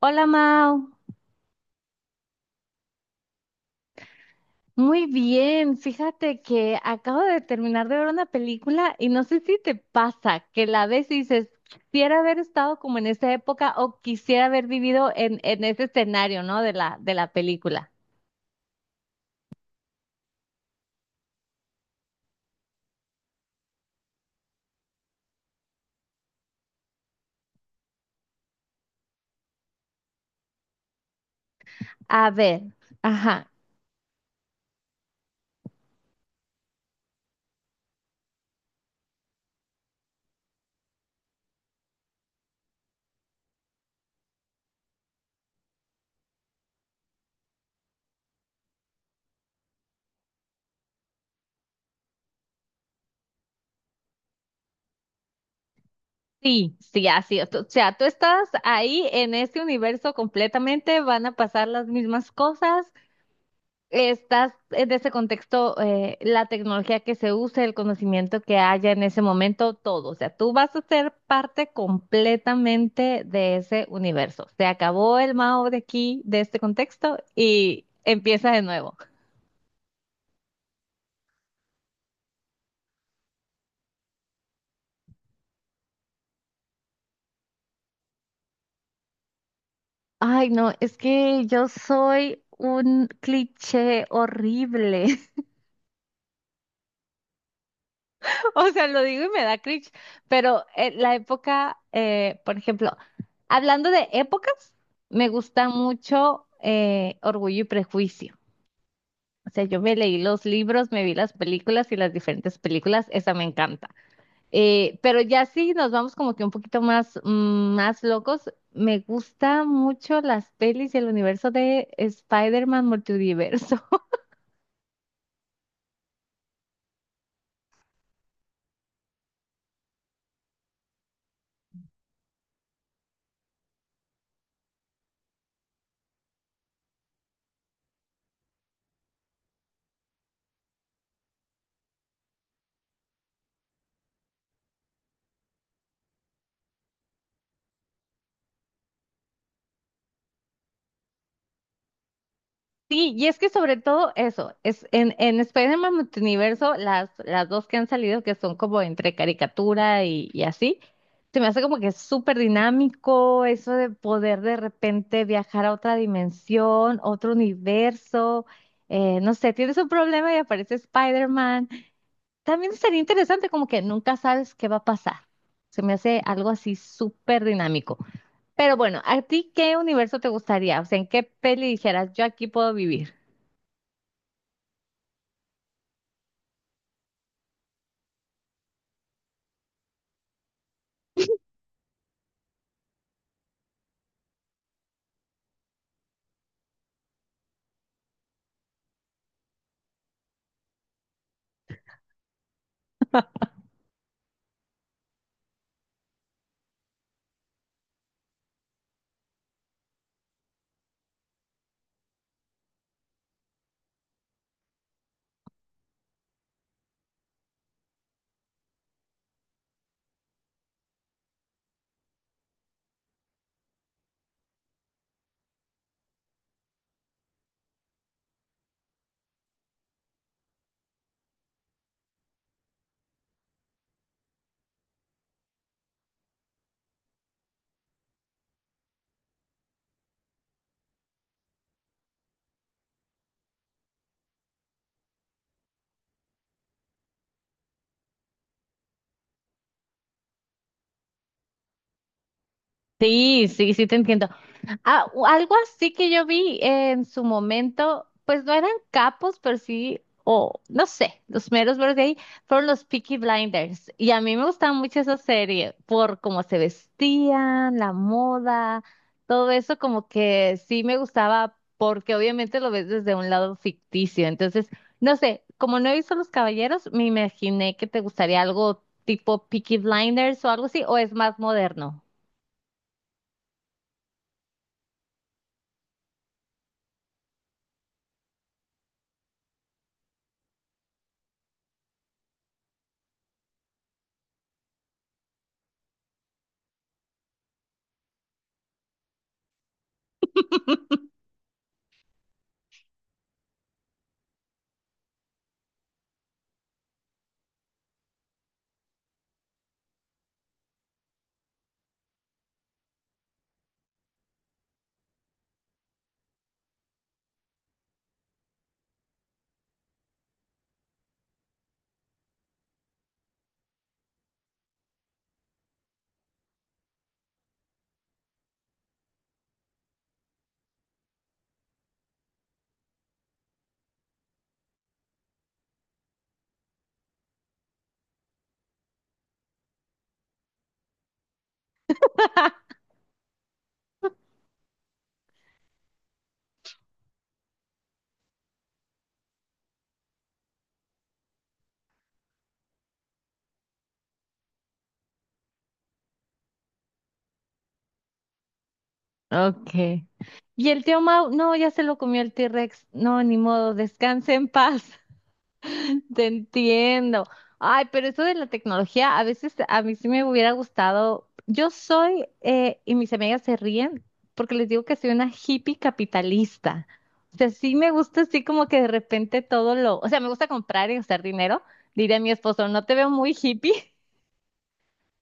Hola Mau, muy bien. Fíjate que acabo de terminar de ver una película y no sé si te pasa que la ves y dices, quisiera haber estado como en esa época o quisiera haber vivido en ese escenario, ¿no? De la película. A ver, ajá, sí, sí, así es. O sea, tú estás ahí en este universo completamente, van a pasar las mismas cosas. Estás en ese contexto, la tecnología que se use, el conocimiento que haya en ese momento, todo. O sea, tú vas a ser parte completamente de ese universo. Se acabó el Mao de aquí, de este contexto, y empieza de nuevo. Ay, no, es que yo soy un cliché horrible. O sea, lo digo y me da cringe, pero la época, por ejemplo, hablando de épocas, me gusta mucho Orgullo y Prejuicio. O sea, yo me leí los libros, me vi las películas y las diferentes películas, esa me encanta. Pero ya sí nos vamos como que un poquito más, más locos. Me gusta mucho las pelis y el universo de Spider-Man Multiverso. Sí, y es que sobre todo eso, es en Spider-Man Multiverso, las dos que han salido, que son como entre caricatura y así, se me hace como que es súper dinámico eso de poder de repente viajar a otra dimensión, otro universo, no sé, tienes un problema y aparece Spider-Man. También sería interesante como que nunca sabes qué va a pasar. Se me hace algo así súper dinámico. Pero bueno, ¿a ti qué universo te gustaría? O sea, ¿en qué peli dijeras yo aquí puedo vivir? Sí, sí, sí te entiendo. Ah, algo así que yo vi en su momento, pues no eran capos, pero sí, o no sé, los meros meros de ahí fueron los Peaky Blinders. Y a mí me gustaba mucho esa serie por cómo se vestían, la moda, todo eso como que sí me gustaba porque obviamente lo ves desde un lado ficticio. Entonces, no sé, como no he visto Los Caballeros, me imaginé que te gustaría algo tipo Peaky Blinders o algo así, o es más moderno. Ok. Y el tío Mau, no, ya se lo comió el T-Rex. No, ni modo, descanse en paz. Te entiendo. Ay, pero eso de la tecnología, a veces a mí sí me hubiera gustado. Yo soy, y mis amigas se ríen porque les digo que soy una hippie capitalista. O sea, sí me gusta así como que de repente todo lo, o sea, me gusta comprar y gastar dinero. Diré a mi esposo, no te veo muy hippie,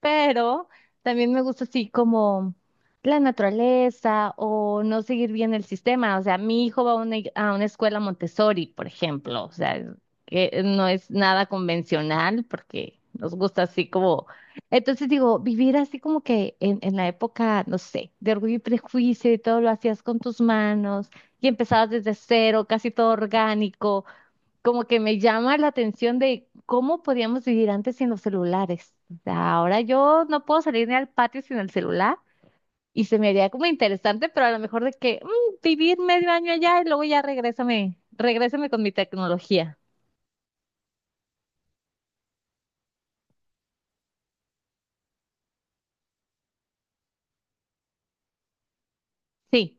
pero también me gusta así como la naturaleza o no seguir bien el sistema. O sea, mi hijo va a una, a una escuela Montessori, por ejemplo. O sea, que no es nada convencional porque nos gusta así como... Entonces digo, vivir así como que en la época, no sé, de Orgullo y Prejuicio y todo lo hacías con tus manos y empezabas desde cero, casi todo orgánico, como que me llama la atención de cómo podíamos vivir antes sin los celulares. O sea, ahora yo no puedo salir ni al patio sin el celular y se me haría como interesante, pero a lo mejor de que vivir medio año allá y luego ya regrésame, regrésame con mi tecnología. Sí.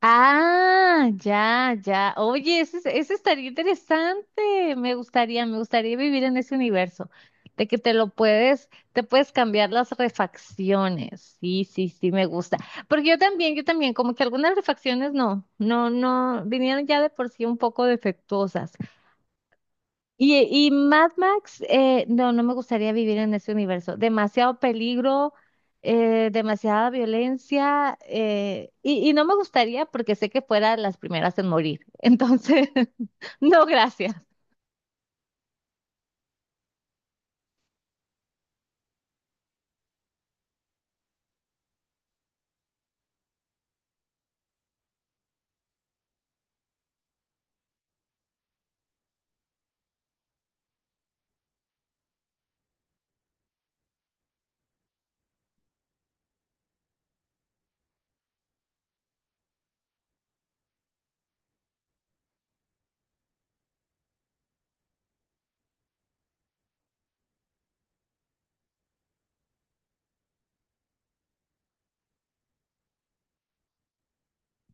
Ah, ya, ya. Oye, ese, ese estaría interesante. Me gustaría vivir en ese universo, de que te lo puedes, te puedes cambiar las refacciones. Sí, sí, sí, me gusta. Porque yo también, como que algunas refacciones no, no, no, vinieron ya de por sí un poco defectuosas. Y Mad Max, no, no me gustaría vivir en ese universo. Demasiado peligro, demasiada violencia, y no me gustaría porque sé que fuera las primeras en morir. Entonces, no, gracias.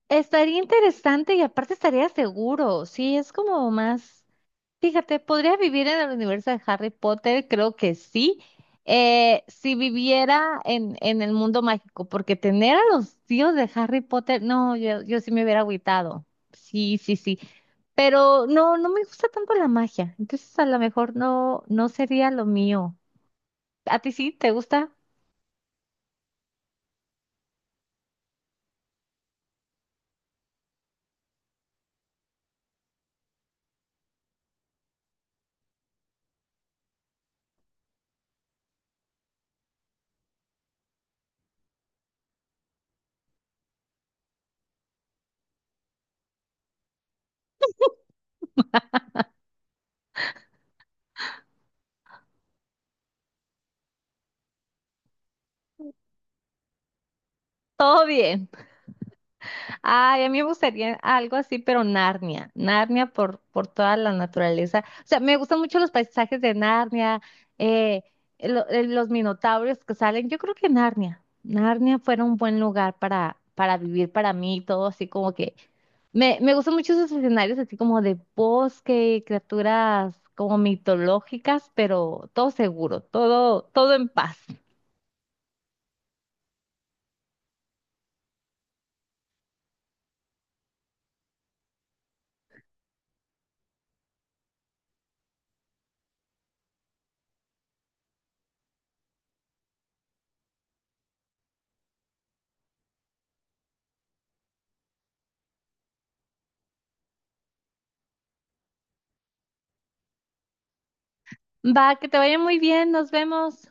Estaría interesante y aparte estaría seguro. Sí, es como más. Fíjate, ¿podría vivir en el universo de Harry Potter? Creo que sí. Si viviera en el mundo mágico, porque tener a los tíos de Harry Potter, no, yo sí me hubiera agüitado. Sí, sí, sí. Pero no, no me gusta tanto la magia. Entonces a lo mejor no, no sería lo mío. ¿A ti sí? ¿Te gusta? Todo bien. Ay, a mí me gustaría algo así, pero Narnia, Narnia por toda la naturaleza. O sea, me gustan mucho los paisajes de Narnia, eh, los minotauros que salen. Yo creo que Narnia, Narnia fuera un buen lugar para vivir para mí, todo así como que... Me gustan mucho esos escenarios así como de bosque, criaturas como mitológicas, pero todo seguro, todo, todo en paz. Va, que te vaya muy bien, nos vemos.